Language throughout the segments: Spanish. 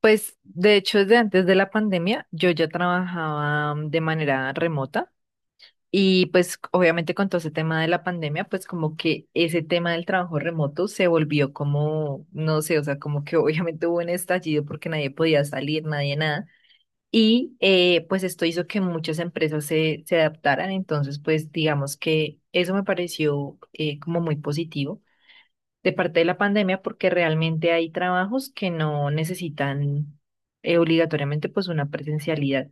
Pues de hecho, desde antes de la pandemia, yo ya trabajaba de manera remota y pues obviamente con todo ese tema de la pandemia, pues como que ese tema del trabajo remoto se volvió como, no sé, o sea, como que obviamente hubo un estallido porque nadie podía salir, nadie nada. Y pues esto hizo que muchas empresas se adaptaran, entonces pues digamos que eso me pareció como muy positivo de parte de la pandemia porque realmente hay trabajos que no necesitan obligatoriamente pues una presencialidad.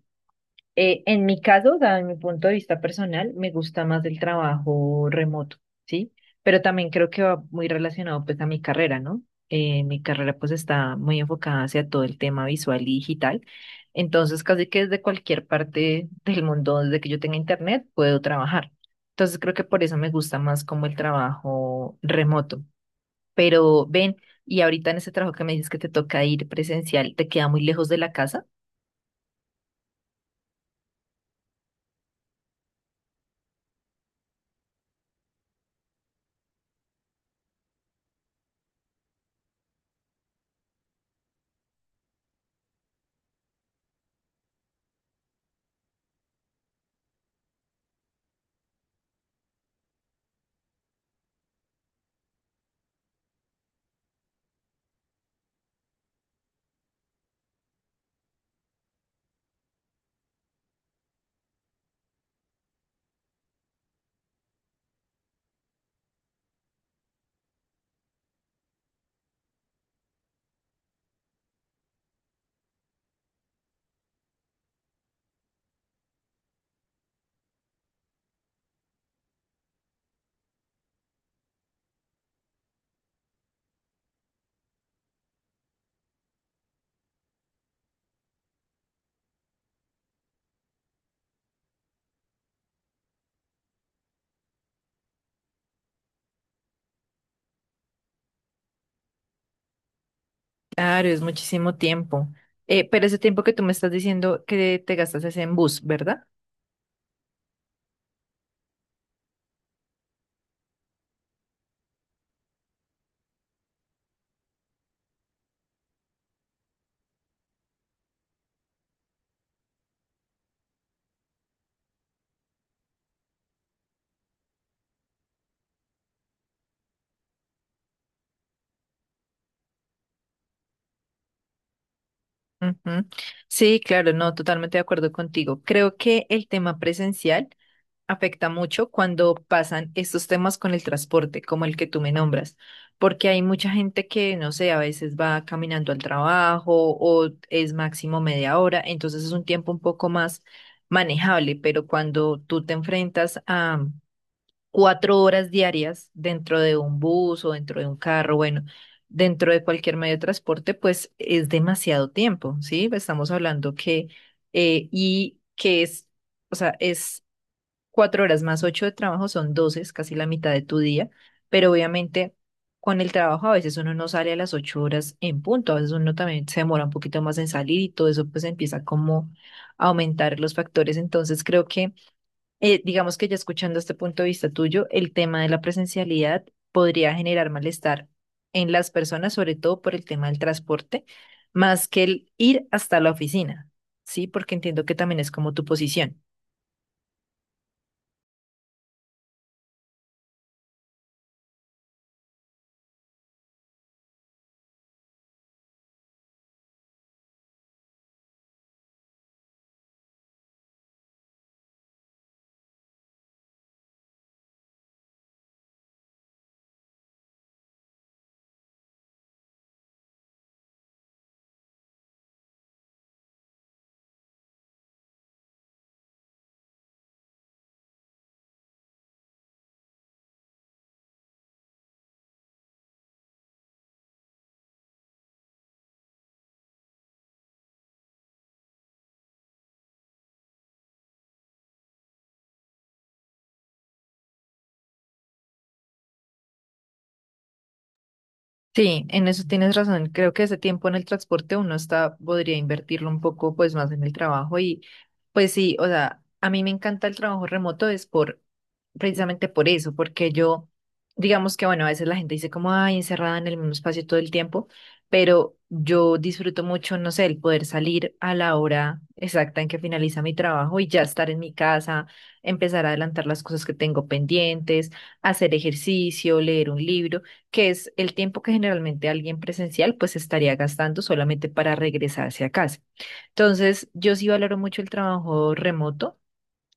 En mi caso, o sea, en mi punto de vista personal, me gusta más el trabajo remoto, ¿sí? Pero también creo que va muy relacionado pues a mi carrera, ¿no? Mi carrera pues está muy enfocada hacia todo el tema visual y digital. Entonces, casi que desde cualquier parte del mundo, desde que yo tenga internet, puedo trabajar. Entonces, creo que por eso me gusta más como el trabajo remoto. Pero ven, y ahorita en ese trabajo que me dices que te toca ir presencial, ¿te queda muy lejos de la casa? Claro, es muchísimo tiempo. Pero ese tiempo que tú me estás diciendo que te gastas es en bus, ¿verdad? Ujú. Sí, claro, no, totalmente de acuerdo contigo. Creo que el tema presencial afecta mucho cuando pasan estos temas con el transporte, como el que tú me nombras, porque hay mucha gente que, no sé, a veces va caminando al trabajo o es máximo media hora, entonces es un tiempo un poco más manejable, pero cuando tú te enfrentas a 4 horas diarias dentro de un bus o dentro de un carro, bueno, dentro de cualquier medio de transporte, pues es demasiado tiempo, ¿sí? Estamos hablando que, y que es... O sea, es 4 horas más 8 de trabajo son 12, es casi la mitad de tu día, pero obviamente con el trabajo a veces uno no sale a las 8 horas en punto, a veces uno también se demora un poquito más en salir y todo eso pues empieza como a aumentar los factores. Entonces creo que, digamos que ya escuchando este punto de vista tuyo, el tema de la presencialidad podría generar malestar en las personas, sobre todo por el tema del transporte, más que el ir hasta la oficina, ¿sí? Porque entiendo que también es como tu posición. Sí, en eso tienes razón. Creo que ese tiempo en el transporte podría invertirlo un poco pues más en el trabajo y pues sí, o sea, a mí me encanta el trabajo remoto es por precisamente por eso, porque yo digamos que bueno, a veces la gente dice como ay, encerrada en el mismo espacio todo el tiempo, pero yo disfruto mucho, no sé, el poder salir a la hora exacta en que finaliza mi trabajo y ya estar en mi casa, empezar a adelantar las cosas que tengo pendientes, hacer ejercicio, leer un libro que es el tiempo que generalmente alguien presencial pues estaría gastando solamente para regresarse a casa. Entonces, yo sí valoro mucho el trabajo remoto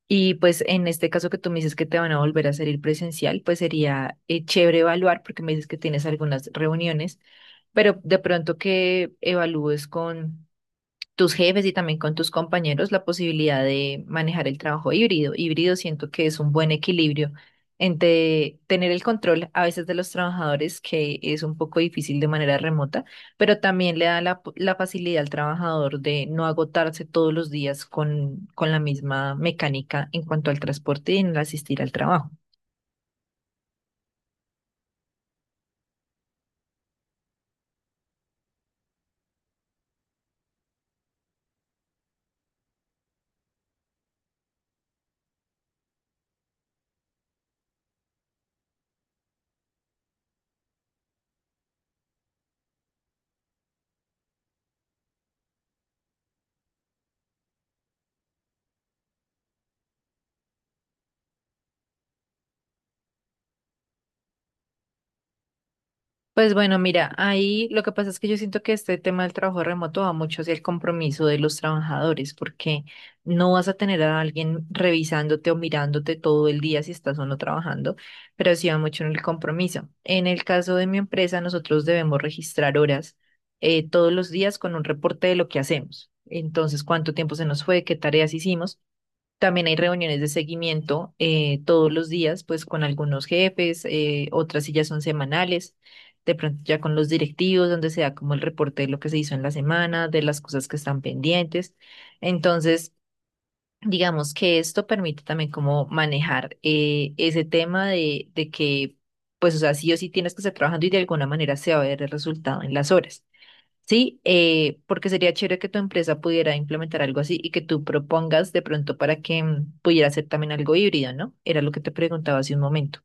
y pues en este caso que tú me dices que te van a volver a hacer ir presencial, pues sería chévere evaluar porque me dices que tienes algunas reuniones, pero de pronto que evalúes con tus jefes y también con tus compañeros la posibilidad de manejar el trabajo híbrido. Híbrido siento que es un buen equilibrio entre tener el control a veces de los trabajadores, que es un poco difícil de manera remota, pero también le da la facilidad al trabajador de no agotarse todos los días con la misma mecánica en cuanto al transporte y en el asistir al trabajo. Pues bueno, mira, ahí lo que pasa es que yo siento que este tema del trabajo remoto va mucho hacia el compromiso de los trabajadores, porque no vas a tener a alguien revisándote o mirándote todo el día si estás o no trabajando, pero sí va mucho en el compromiso. En el caso de mi empresa, nosotros debemos registrar horas todos los días con un reporte de lo que hacemos. Entonces, cuánto tiempo se nos fue, qué tareas hicimos. También hay reuniones de seguimiento todos los días, pues con algunos jefes, otras sí ya son semanales, de pronto ya con los directivos, donde se da como el reporte de lo que se hizo en la semana, de las cosas que están pendientes. Entonces, digamos que esto permite también como manejar ese tema de que, pues, o sea, sí o sí tienes que estar trabajando y de alguna manera se va a ver el resultado en las horas. Sí, porque sería chévere que tu empresa pudiera implementar algo así y que tú propongas de pronto para que pudiera ser también algo híbrido, ¿no? Era lo que te preguntaba hace un momento.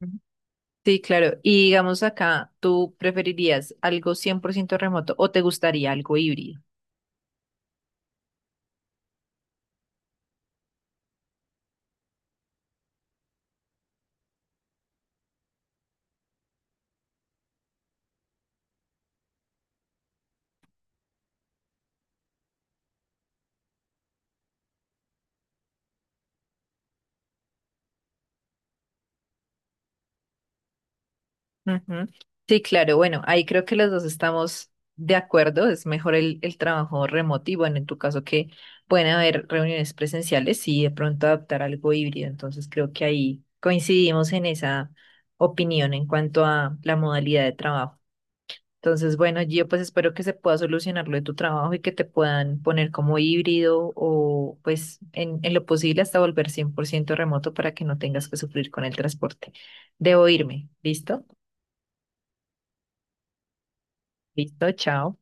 Ujú. Sí, claro. Y digamos acá, ¿tú preferirías algo 100% remoto o te gustaría algo híbrido? Ujú. Sí, claro, bueno, ahí creo que los dos estamos de acuerdo, es mejor el trabajo remoto y bueno, en tu caso que pueden haber reuniones presenciales y de pronto adaptar algo híbrido, entonces creo que ahí coincidimos en esa opinión en cuanto a la modalidad de trabajo. Entonces, bueno, yo pues espero que se pueda solucionar lo de tu trabajo y que te puedan poner como híbrido o pues en lo posible hasta volver 100% remoto para que no tengas que sufrir con el transporte. Debo irme, ¿listo? Listo, chao.